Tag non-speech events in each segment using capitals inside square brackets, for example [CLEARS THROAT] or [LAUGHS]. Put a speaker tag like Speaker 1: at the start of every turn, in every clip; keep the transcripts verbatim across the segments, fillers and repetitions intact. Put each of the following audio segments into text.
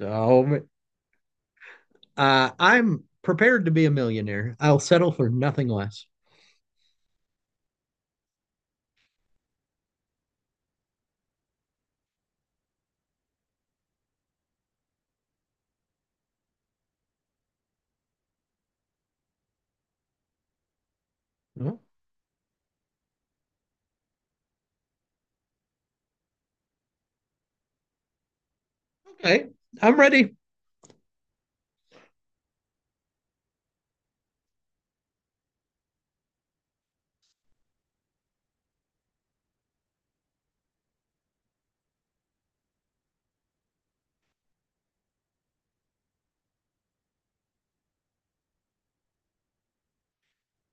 Speaker 1: Oh, uh, I'm prepared to be a millionaire. I'll settle for nothing less. Oh, okay, I'm ready.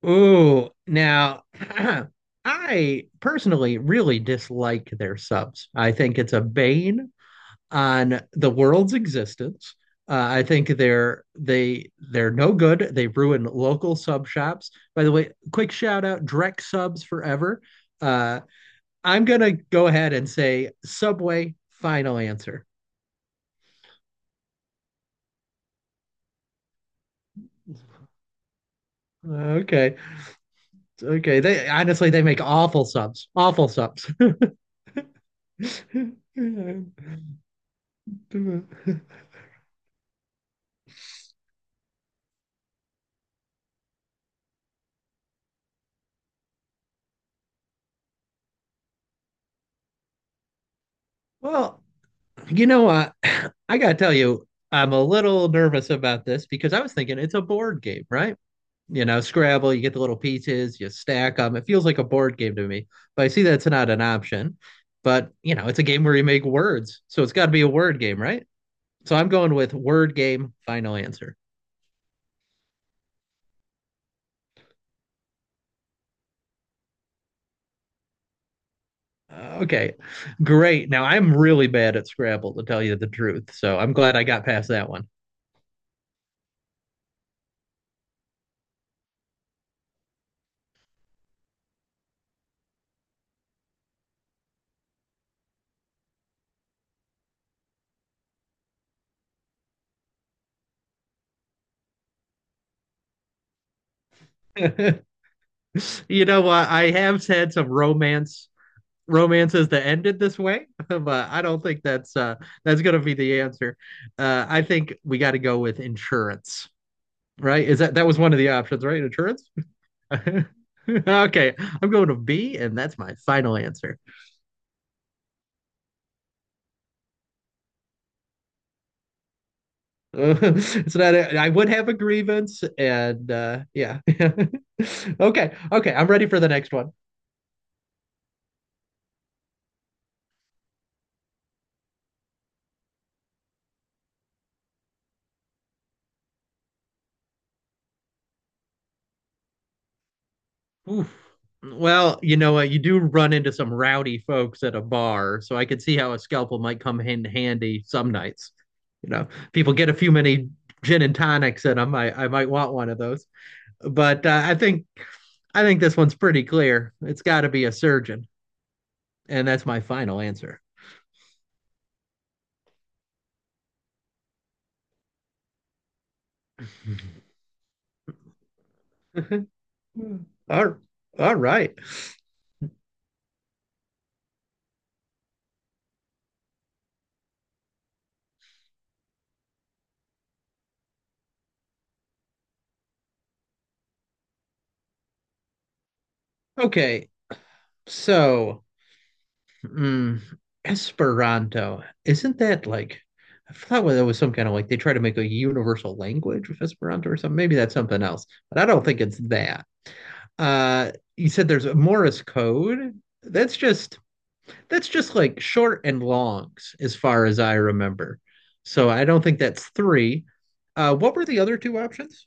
Speaker 1: Ooh, now [CLEARS THROAT] I personally really dislike their subs. I think it's a bane on the world's existence. Uh, I think they're they they're no good. They ruin local sub shops. By the way, quick shout out Drek subs forever. Uh, I'm gonna go ahead and say Subway, final answer. Okay, okay. They honestly they make awful subs. Awful subs. [LAUGHS] Well, you know, uh, [SIGHS] I gotta tell you, I'm a little nervous about this because I was thinking it's a board game, right? You know, Scrabble, you get the little pieces, you stack them. It feels like a board game to me, but I see that's not an option. But, you know, it's a game where you make words. So it's got to be a word game, right? So I'm going with word game, final answer. Okay, great. Now I'm really bad at Scrabble, to tell you the truth. So I'm glad I got past that one. [LAUGHS] You know what? I have had some romance romances that ended this way, [LAUGHS] but I don't think that's uh that's gonna be the answer. Uh I think we got to go with insurance, right? Is that that was one of the options, right? Insurance? [LAUGHS] Okay, I'm going to B, and that's my final answer. [LAUGHS] It's not, I would have a grievance, and uh, yeah. [LAUGHS] Okay, okay, I'm ready for the next one. Oof. Well, you know what? You do run into some rowdy folks at a bar, so I could see how a scalpel might come in handy some nights. You know, people get a few many gin and tonics in them. I, I might want one of those, but uh, I think I think this one's pretty clear. It's got to be a surgeon, and that's my final answer. [LAUGHS] All, all right. Okay. So, mm, Esperanto, isn't that like, I thought that was some kind of like they try to make a universal language with Esperanto or something. Maybe that's something else, but I don't think it's that. Uh, you said there's a Morse code. That's just that's just like short and longs as far as I remember. So I don't think that's three. Uh, what were the other two options?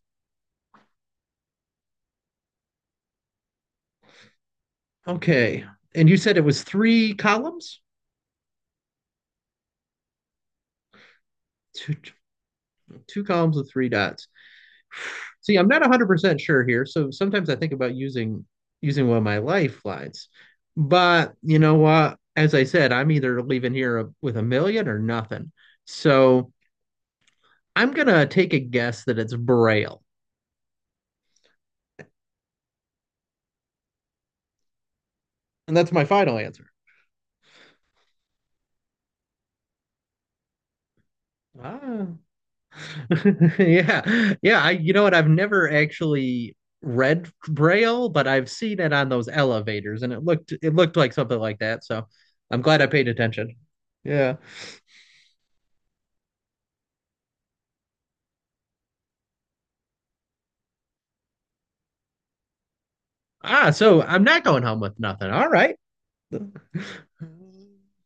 Speaker 1: Okay. And you said it was three columns? Two, two columns with three dots. [SIGHS] See, I'm not one hundred percent sure here. So sometimes I think about using using one of my lifelines. But you know what? As I said, I'm either leaving here with a million or nothing. So I'm going to take a guess that it's Braille. And that's my final answer. Ah. [LAUGHS] Yeah. Yeah. I, you know what? I've never actually read Braille, but I've seen it on those elevators and it looked it looked like something like that. So I'm glad I paid attention. Yeah. Ah, so I'm not going home with nothing. All right.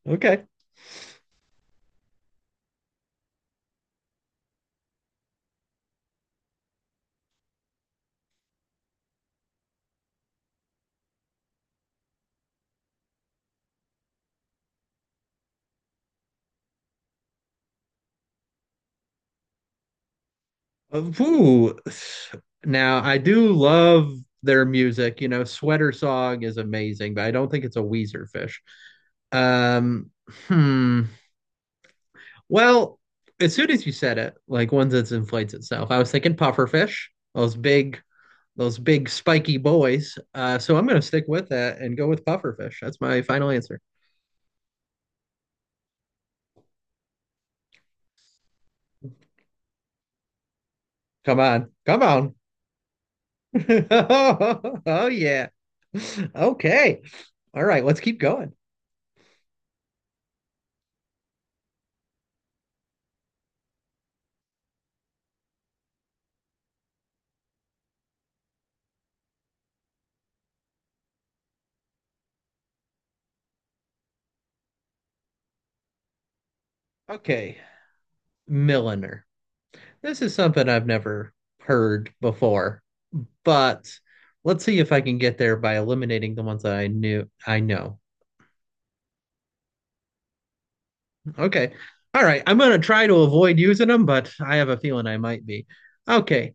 Speaker 1: Okay. Uh, now, I do love their music. You know, Sweater Song is amazing, but I don't think it's a Weezer fish. Um, hmm. Well, as soon as you said it, like one that inflates itself, I was thinking pufferfish, those big, those big spiky boys. Uh, so I'm gonna stick with that and go with pufferfish. That's my final answer. Come on, come on. [LAUGHS] Oh oh, yeah. Okay. All right, let's keep going. Okay. Milliner. This is something I've never heard before, but let's see if I can get there by eliminating the ones that I knew I know. Okay. All right. I'm gonna try to avoid using them, but I have a feeling I might be. Okay.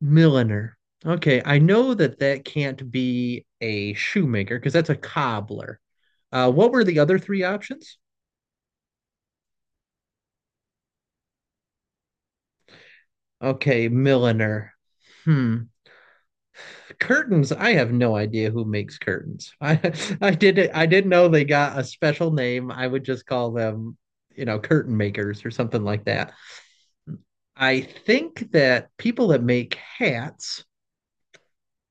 Speaker 1: Milliner. Okay. I know that that can't be a shoemaker because that's a cobbler. Uh, what were the other three options? Okay, milliner. Hmm. Curtains. I have no idea who makes curtains. I [LAUGHS] I didn't I didn't know they got a special name. I would just call them, you know, curtain makers or something like that. I think that people that make hats,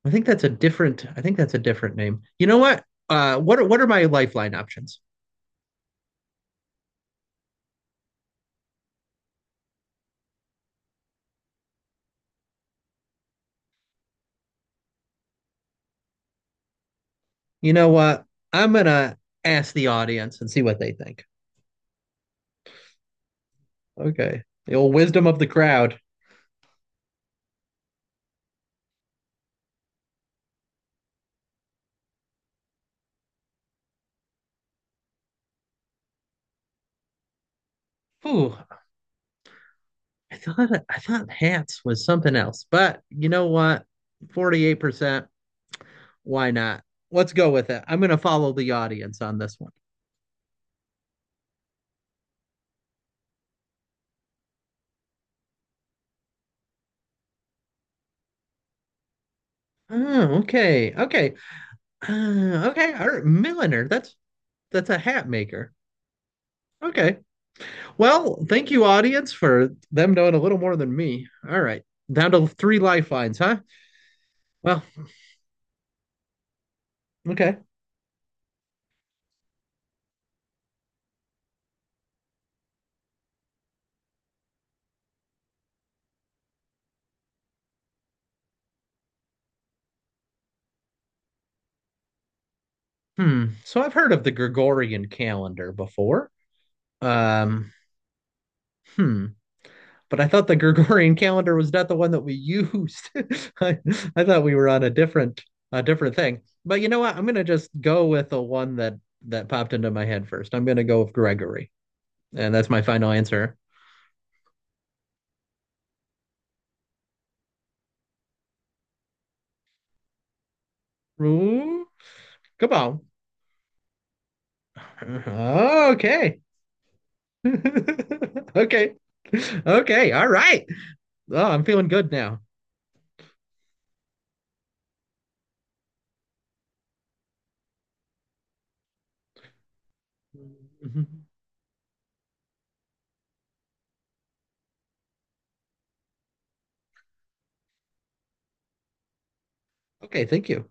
Speaker 1: I think that's a different I think that's a different name. You know what? Uh what are, what are my lifeline options? You know what? I'm gonna ask the audience and see what they think. Okay. The old wisdom of the crowd. Ooh, I thought I thought hats was something else, but you know what? Forty eight percent. Why not? Let's go with it. I'm gonna follow the audience on this one. Oh, okay, okay, uh, okay. All right, milliner. That's that's a hat maker. Okay. Well, thank you, audience, for them knowing a little more than me. All right, down to three lifelines, huh? Well, okay. Hmm. So I've heard of the Gregorian calendar before. Um. Hmm. But I thought the Gregorian [LAUGHS] calendar was not the one that we used. [LAUGHS] I, I thought we were on a different a different thing. But you know what? I'm gonna just go with the one that that popped into my head first. I'm gonna go with Gregory, and that's my final answer. Ooh, come on. Okay. [LAUGHS] Okay. Okay. All right. Oh, I'm feeling good now. [LAUGHS] Okay. Thank you.